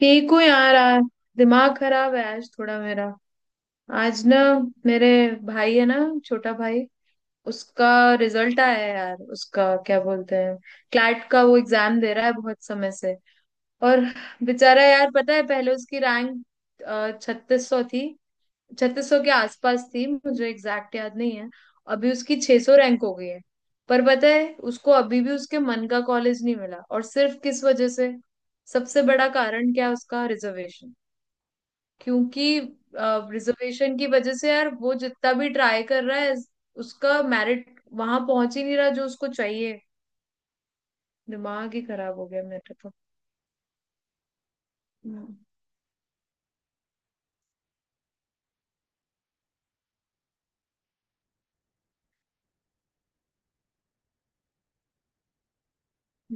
ठीक हूँ यार। आज दिमाग खराब है आज थोड़ा मेरा। आज ना, मेरे भाई है ना, छोटा भाई, उसका रिजल्ट आया है यार। उसका क्या बोलते हैं, क्लैट का वो एग्जाम दे रहा है बहुत समय से। और बेचारा यार, पता है पहले उसकी रैंक 3600 थी। 3600 के आसपास थी, मुझे एग्जैक्ट याद नहीं है। अभी उसकी 600 रैंक हो गई है। पर पता है उसको अभी भी उसके मन का कॉलेज नहीं मिला, और सिर्फ किस वजह से? सबसे बड़ा कारण क्या है? उसका रिजर्वेशन। क्योंकि रिजर्वेशन की वजह से यार वो जितना भी ट्राई कर रहा है, उसका मेरिट वहां पहुंच ही नहीं रहा जो उसको चाहिए। दिमाग ही खराब हो गया मेरा तो। हम्म।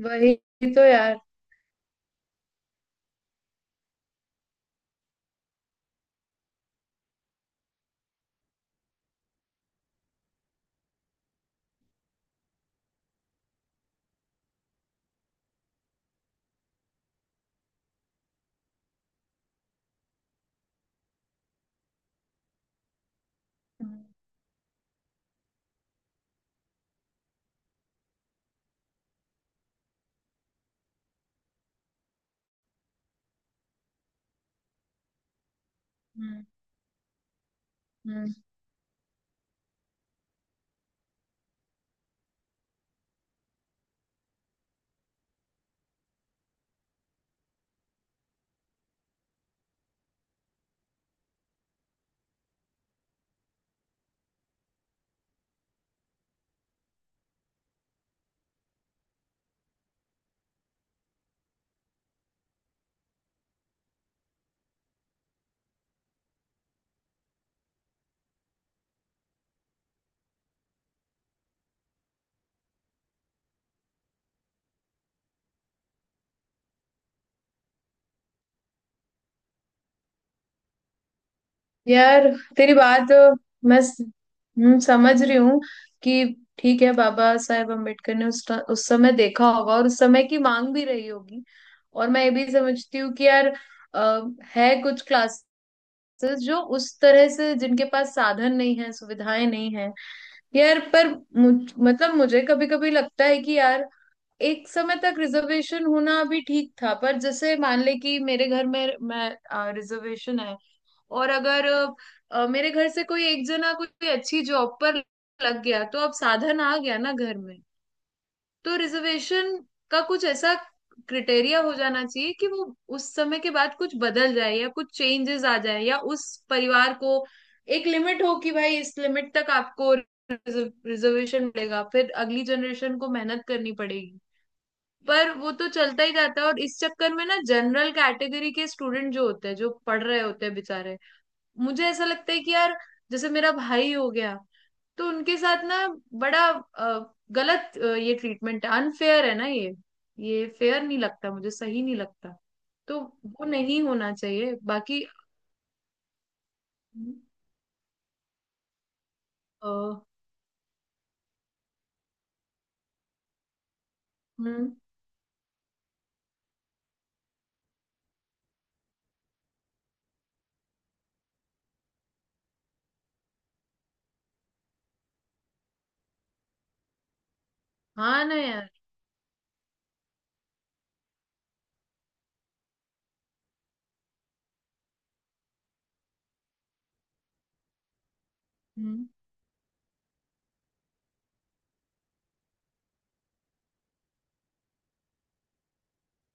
वही तो यार। हम्म। हम्म। हम्म। यार तेरी बात। मैं समझ रही हूँ कि ठीक है, बाबा साहेब अम्बेडकर ने उस समय देखा होगा और उस समय की मांग भी रही होगी। और मैं ये भी समझती हूँ कि यार, अ, है कुछ क्लास तो, जो उस तरह से जिनके पास साधन नहीं है, सुविधाएं नहीं है। यार पर मतलब मुझे कभी कभी लगता है कि यार, एक समय तक रिजर्वेशन होना भी ठीक था, पर जैसे मान ले कि मेरे घर में मैं, रिजर्वेशन है। और अगर मेरे घर से कोई एक जना कोई अच्छी जॉब पर लग गया, तो अब साधन आ गया ना घर में। तो रिजर्वेशन का कुछ ऐसा क्रिटेरिया हो जाना चाहिए कि वो उस समय के बाद कुछ बदल जाए, या कुछ चेंजेस आ जाए, या उस परिवार को एक लिमिट हो कि भाई इस लिमिट तक आपको रिजर्वेशन मिलेगा, फिर अगली जनरेशन को मेहनत करनी पड़ेगी। पर वो तो चलता ही जाता है, और इस चक्कर में ना, जनरल कैटेगरी के स्टूडेंट जो होते हैं, जो पढ़ रहे होते हैं बेचारे, मुझे ऐसा लगता है कि यार, जैसे मेरा भाई हो गया, तो उनके साथ ना बड़ा गलत ये ट्रीटमेंट है, अनफेयर है ना ये। ये फेयर नहीं लगता मुझे, सही नहीं लगता। तो वो नहीं होना चाहिए बाकी। अ, हम्म। हाँ ना यार। हम्म।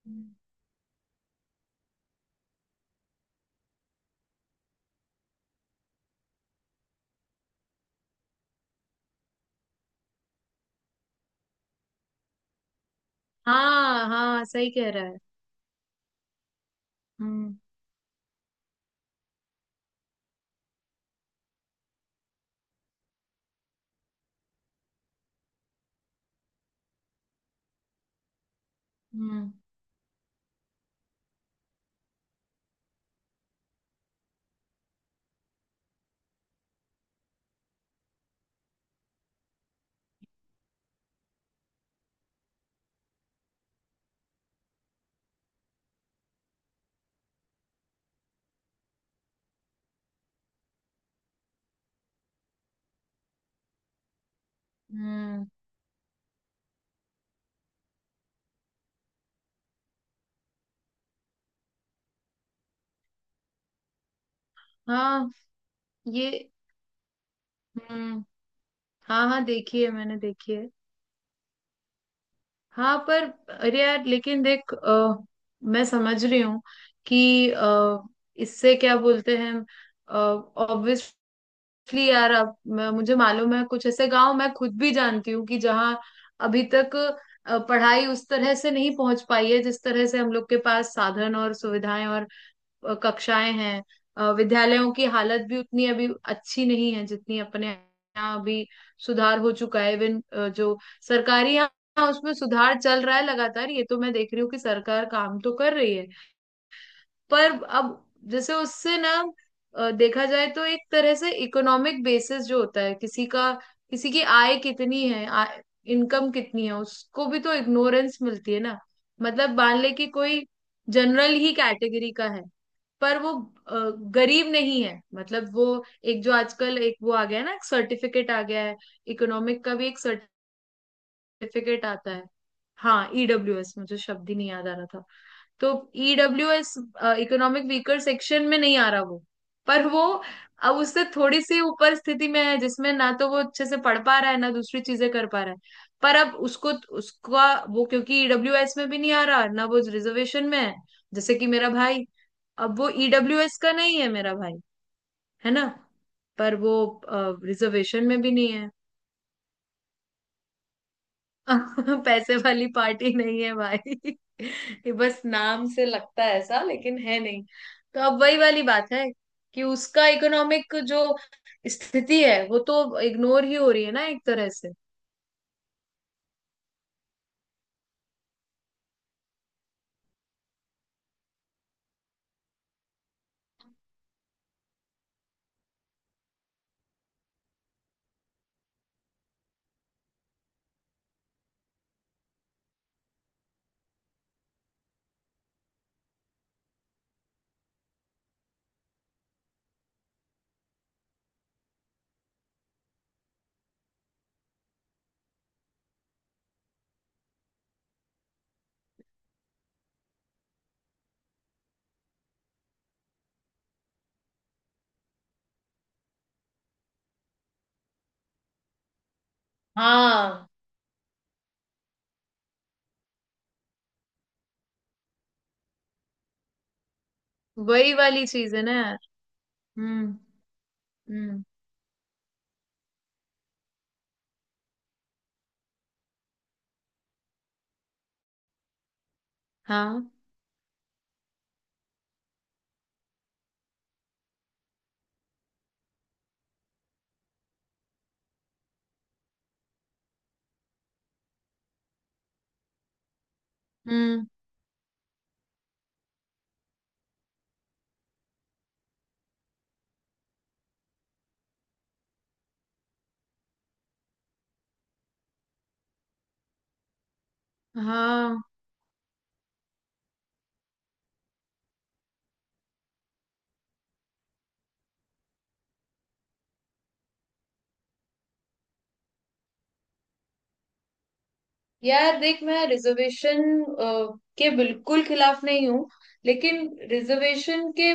हम्म। हाँ हाँ, सही कह रहा है। हम्म। हम्म। हम्म। हाँ, ये। हम्म। हाँ हाँ देखी है, मैंने देखी है। हाँ पर, अरे यार लेकिन देख, मैं समझ रही हूँ कि इससे क्या बोलते हैं, ऑब्वियसली यार, अब मुझे मालूम है कुछ ऐसे गांव मैं खुद भी जानती हूँ, कि जहाँ अभी तक पढ़ाई उस तरह से नहीं पहुंच पाई है जिस तरह से हम लोग के पास साधन और सुविधाएं और कक्षाएं हैं। विद्यालयों की हालत भी उतनी अभी अच्छी नहीं है जितनी अपने यहाँ अभी सुधार हो चुका है, इवन जो सरकारी, यहाँ उसमें सुधार चल रहा है लगातार। ये तो मैं देख रही हूँ कि सरकार काम तो कर रही है। पर अब जैसे उससे ना देखा जाए तो एक तरह से, इकोनॉमिक बेसिस जो होता है किसी का, किसी की आय कितनी है, आय, इनकम कितनी है, उसको भी तो इग्नोरेंस मिलती है ना। मतलब मान ले कि कोई जनरल ही कैटेगरी का है, पर वो अ, गरीब नहीं है। मतलब वो एक, जो आजकल एक वो आ गया है ना, सर्टिफिकेट आ गया है, इकोनॉमिक का भी एक सर्टिफिकेट आता है। हाँ, ईडब्ल्यूएस, मुझे शब्द ही नहीं याद आ रहा था। तो E W S, economic weaker section में नहीं आ रहा वो। पर वो अब उससे थोड़ी सी ऊपर स्थिति में है, जिसमें ना तो वो अच्छे से पढ़ पा रहा है, ना दूसरी चीजें कर पा रहा है। पर अब उसको, उसका वो, क्योंकि ईडब्ल्यू एस में भी नहीं आ रहा ना, वो रिजर्वेशन में है। जैसे कि मेरा भाई। अब वो ईडब्ल्यू एस का नहीं है मेरा भाई, है ना। पर वो रिजर्वेशन में भी नहीं है। पैसे वाली पार्टी नहीं है भाई। ये बस नाम से लगता है ऐसा, लेकिन है नहीं। तो अब वही वाली बात है, कि उसका इकोनॉमिक जो स्थिति है, वो तो इग्नोर ही हो रही है ना, एक तरह से। हाँ, वही वाली चीज है ना यार। हम्म। हम्म। हाँ। हम्म। हाँ यार देख, मैं रिजर्वेशन के बिल्कुल खिलाफ नहीं हूँ, लेकिन रिजर्वेशन के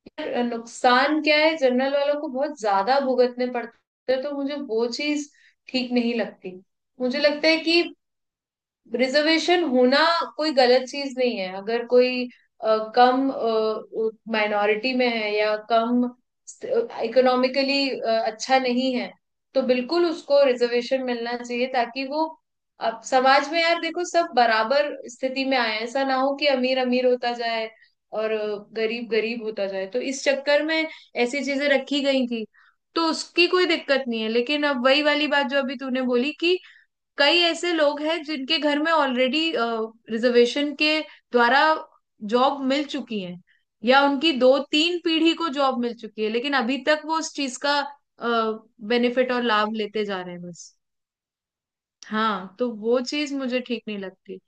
यार नुकसान क्या है, जनरल वालों को बहुत ज्यादा भुगतने पड़ते हैं, तो मुझे वो चीज ठीक नहीं लगती। मुझे लगता है कि रिजर्वेशन होना कोई गलत चीज नहीं है। अगर कोई कम, माइनॉरिटी में है, या कम इकोनॉमिकली अच्छा नहीं है, तो बिल्कुल उसको रिजर्वेशन मिलना चाहिए, ताकि वो, अब समाज में यार देखो, सब बराबर स्थिति में आए हैं। ऐसा ना हो कि अमीर अमीर होता जाए और गरीब गरीब होता जाए, तो इस चक्कर में ऐसी चीजें रखी गई थी। तो उसकी कोई दिक्कत नहीं है, लेकिन अब वही वाली बात जो अभी तूने बोली, कि कई ऐसे लोग हैं जिनके घर में ऑलरेडी रिजर्वेशन के द्वारा जॉब मिल चुकी है, या उनकी दो तीन पीढ़ी को जॉब मिल चुकी है, लेकिन अभी तक वो उस चीज का बेनिफिट और लाभ लेते जा रहे हैं बस। हाँ, तो वो चीज मुझे ठीक नहीं लगती।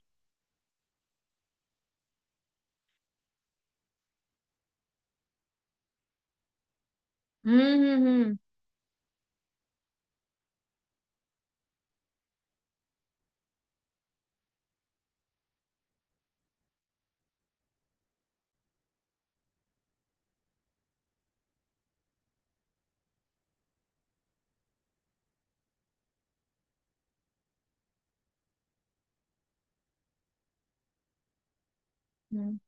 हम्म। हम्म। हम्म। हम्म।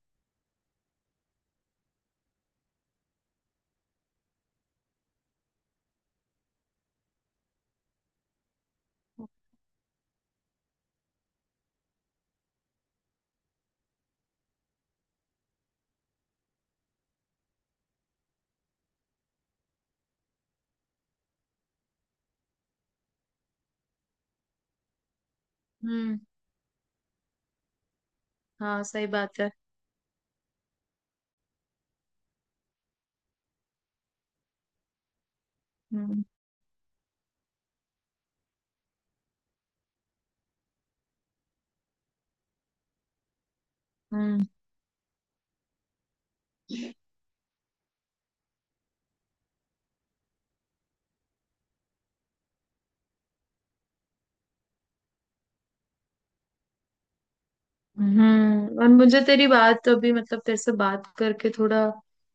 हम्म। हाँ, सही बात है। हम्म। हम्म। हम्म। और मुझे तेरी बात अभी, मतलब तेरे से बात करके थोड़ा,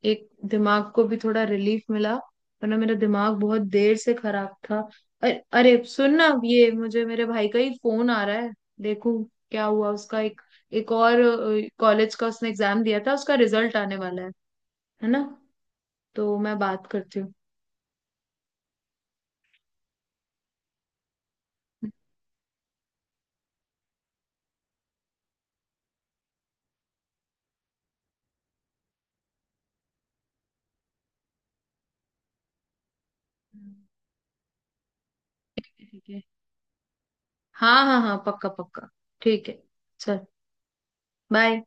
एक दिमाग को भी थोड़ा रिलीफ मिला, वरना मेरा दिमाग बहुत देर से खराब था। अरे, अरे सुन ना, ये मुझे मेरे भाई का ही फोन आ रहा है, देखूं क्या हुआ। उसका एक एक और कॉलेज का उसने एग्जाम दिया था, उसका रिजल्ट आने वाला है। है ना, तो मैं बात करती हूँ। हम्म, ठीक है। हाँ हाँ हाँ, पक्का पक्का। ठीक है। चल, बाय।